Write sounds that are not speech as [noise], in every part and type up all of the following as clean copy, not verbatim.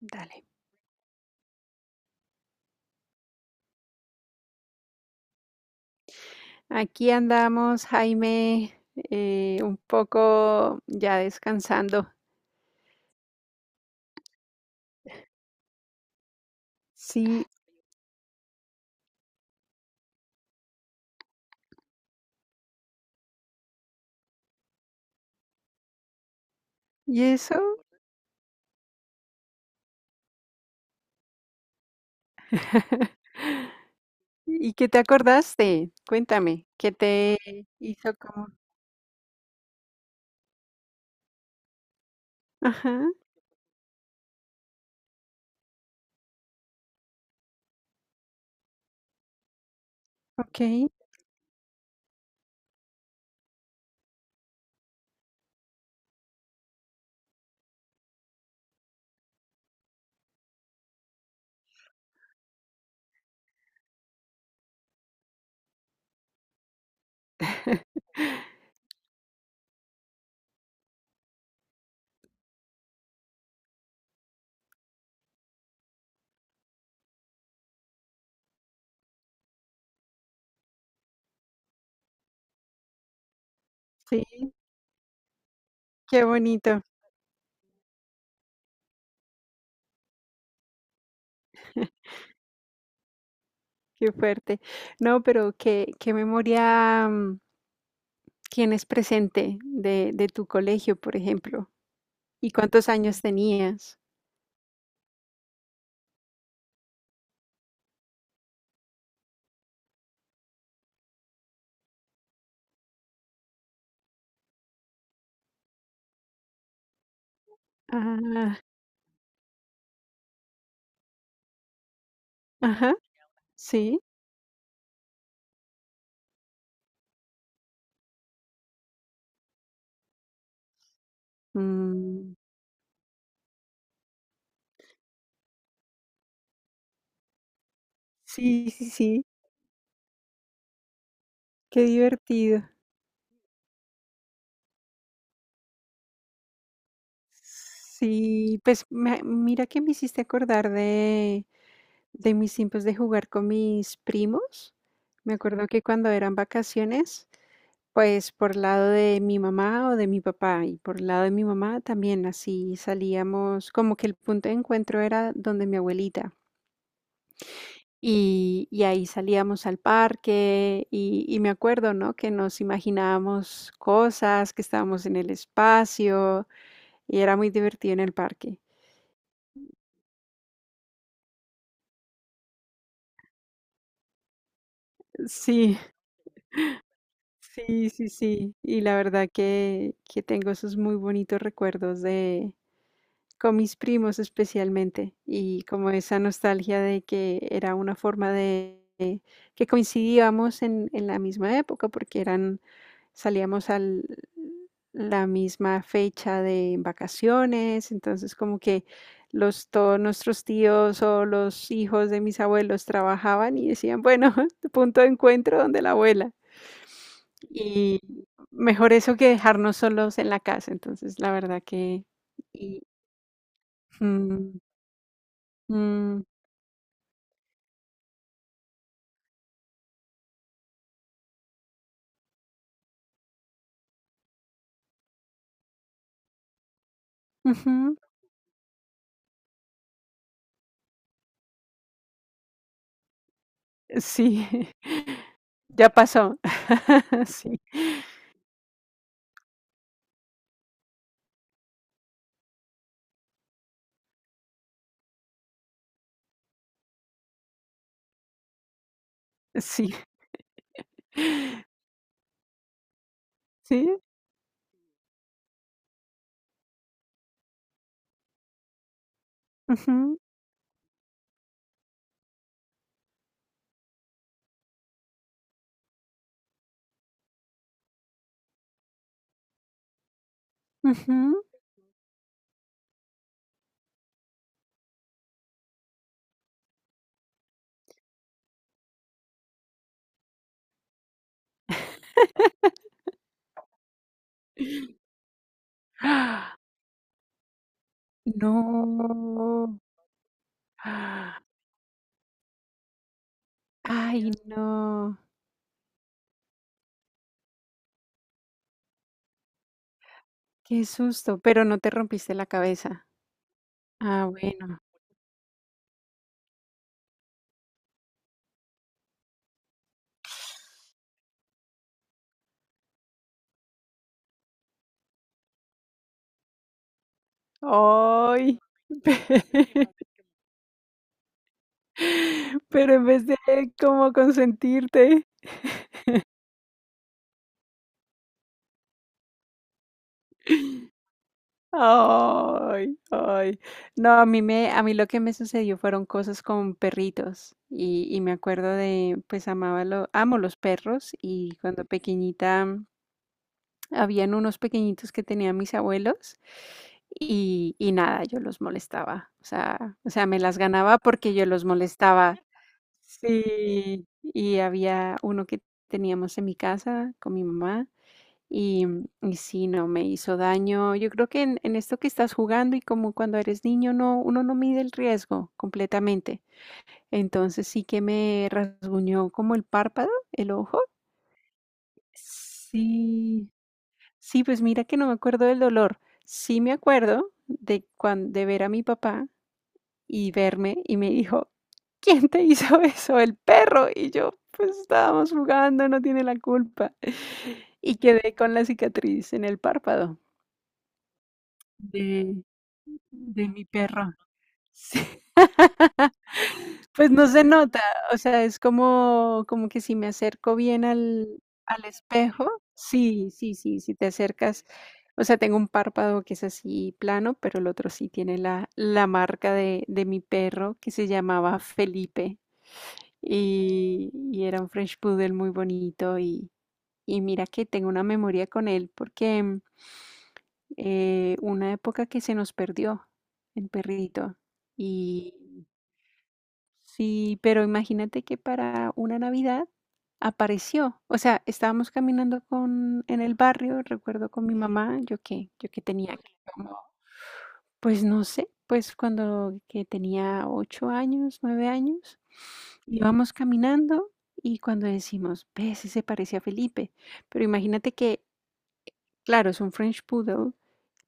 Dale. Aquí andamos, Jaime, un poco ya descansando. Sí, ¿y eso? [laughs] ¿Y qué te acordaste? Cuéntame, ¿qué te hizo como? Ajá, ok. [laughs] Sí, qué bonito, qué fuerte. No, pero qué memoria tienes presente de tu colegio, por ejemplo. ¿Y cuántos años tenías? Ah, ajá, sí. Mm. Sí, sí, sí, qué divertido. Sí, pues mira que me hiciste acordar de mis tiempos de jugar con mis primos. Me acuerdo que cuando eran vacaciones, pues por lado de mi mamá o de mi papá y por lado de mi mamá también así salíamos, como que el punto de encuentro era donde mi abuelita. Y ahí salíamos al parque y me acuerdo, ¿no? Que nos imaginábamos cosas, que estábamos en el espacio. Y era muy divertido en el parque. Sí, sí, sí, sí. Y la verdad que tengo esos muy bonitos recuerdos de, con mis primos especialmente, y como esa nostalgia de que era una forma de que coincidíamos en la misma época, porque eran salíamos al la misma fecha de vacaciones, entonces como que los todos nuestros tíos o los hijos de mis abuelos trabajaban y decían: "Bueno, [laughs] punto de encuentro donde la abuela". Y mejor eso que dejarnos solos en la casa, entonces la verdad que y mm. Mm, ujú. Sí, [laughs] ya pasó. [laughs] Sí, sí, sí. Ujú, ujú. ¡Ah! No. ¡Ah! Ay, no, qué susto, pero no te rompiste la cabeza. Ah, bueno. Ay, [laughs] pero en vez de como consentirte. Ay, ay. No, a mí lo que me sucedió fueron cosas con perritos y me acuerdo de, pues amo los perros y cuando pequeñita mm, habían unos pequeñitos que tenían mis abuelos y nada, yo los molestaba, o sea, me las ganaba porque yo los molestaba. Sí, y había uno que teníamos en mi casa con mi mamá y y sí, no, me hizo daño. Yo creo que en esto que estás jugando y como cuando eres niño, no, uno no mide el riesgo completamente. Entonces sí que me rasguñó como el párpado, el ojo. Sí. Sí, pues mira que no me acuerdo del dolor. Sí me acuerdo de cuan de ver a mi papá y verme y me dijo: "¿Quién te hizo [laughs] eso? El perro". Y yo, pues estábamos jugando, no tiene la culpa. [laughs] Y quedé con la cicatriz en el párpado. De de mi perra. Sí, [laughs] pues no se nota, o sea, es como que si me acerco bien al espejo sí, sí, sí, si te acercas, o sea, tengo un párpado que es así plano, pero el otro sí tiene la la marca de mi perro que se llamaba Felipe y era un French Poodle muy bonito y mira que tengo una memoria con él porque una época que se nos perdió el perrito. Y sí, pero imagínate que para una Navidad apareció. O sea, estábamos caminando con, en el barrio, recuerdo con mi mamá, yo qué tenía, como, pues no sé, pues cuando que tenía 8 años, 9 años, íbamos caminando y cuando decimos, ve, ese se parece a Felipe. Pero imagínate que, claro, es un French Poodle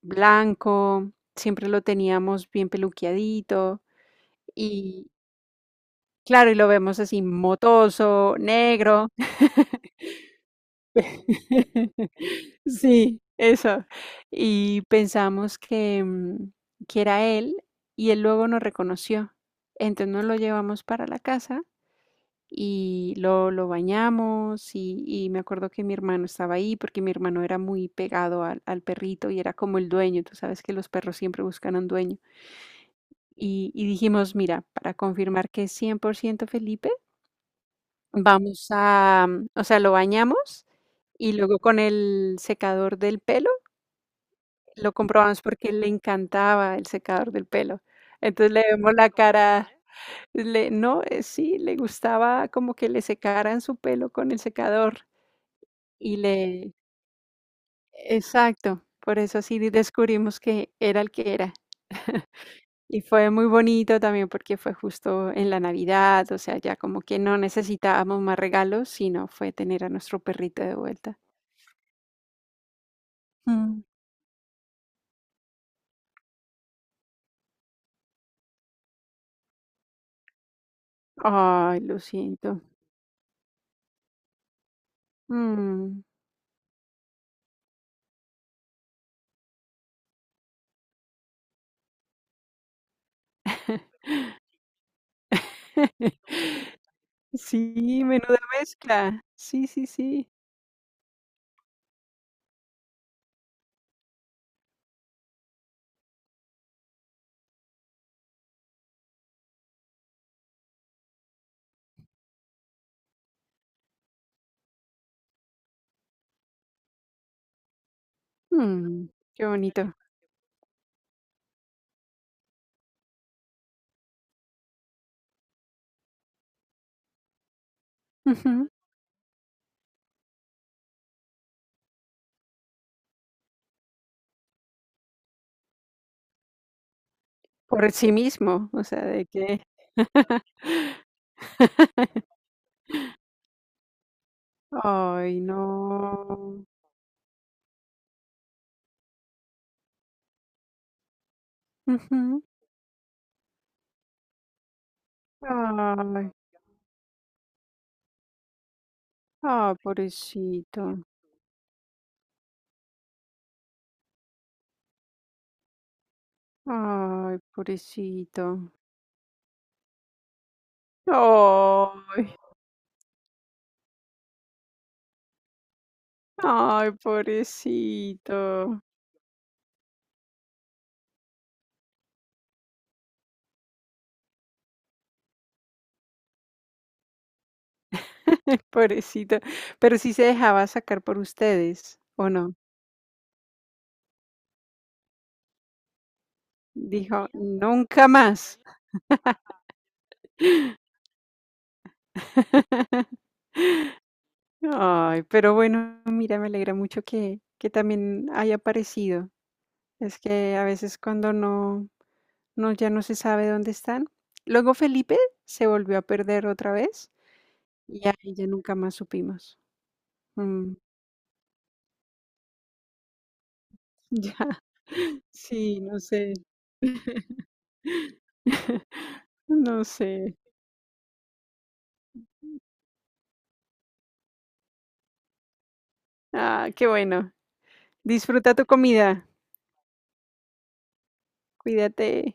blanco, siempre lo teníamos bien peluqueadito y claro, y lo vemos así motoso, negro. [laughs] Sí, eso. Y pensamos que, mm, que era él y él luego nos reconoció. Entonces nos lo llevamos para la casa y lo bañamos y me acuerdo que mi hermano estaba ahí porque mi hermano era muy pegado al perrito y era como el dueño. Tú sabes que los perros siempre buscan un dueño. Y dijimos, mira, para confirmar que es 100% Felipe, vamos a, mm, o sea, lo bañamos y luego con el secador del pelo lo comprobamos porque le encantaba el secador del pelo. Entonces le vemos la cara, le, no, sí, le gustaba como que le secaran su pelo con el secador y le, exacto, por eso así descubrimos que era el que era. Y fue muy bonito también porque fue justo en la Navidad, o sea, ya como que no necesitábamos más regalos, sino fue tener a nuestro perrito de vuelta. Mm. Ay, lo siento. Mm. [laughs] Sí, menuda mezcla. Sí, sí, sí. Mm, qué bonito. Ujú. Por sí mismo, o sea, de que [laughs] Ay, no. Ujú. Ay. Ah, pobrecito. Ay, pobrecito. Ay, ay, pobrecito. [laughs] Pobrecito. Pero sí se dejaba sacar por ustedes, ¿o no? Dijo, nunca más. [laughs] Ay, pero bueno, mira, me alegra mucho que también haya aparecido. Es que a veces cuando no, no, ya no se sabe dónde están. Luego Felipe se volvió a perder otra vez. Ya, y ya nunca más supimos. Mm, ya, [laughs] sí, no sé, no sé. Ah, qué bueno. Disfruta tu comida. Cuídate.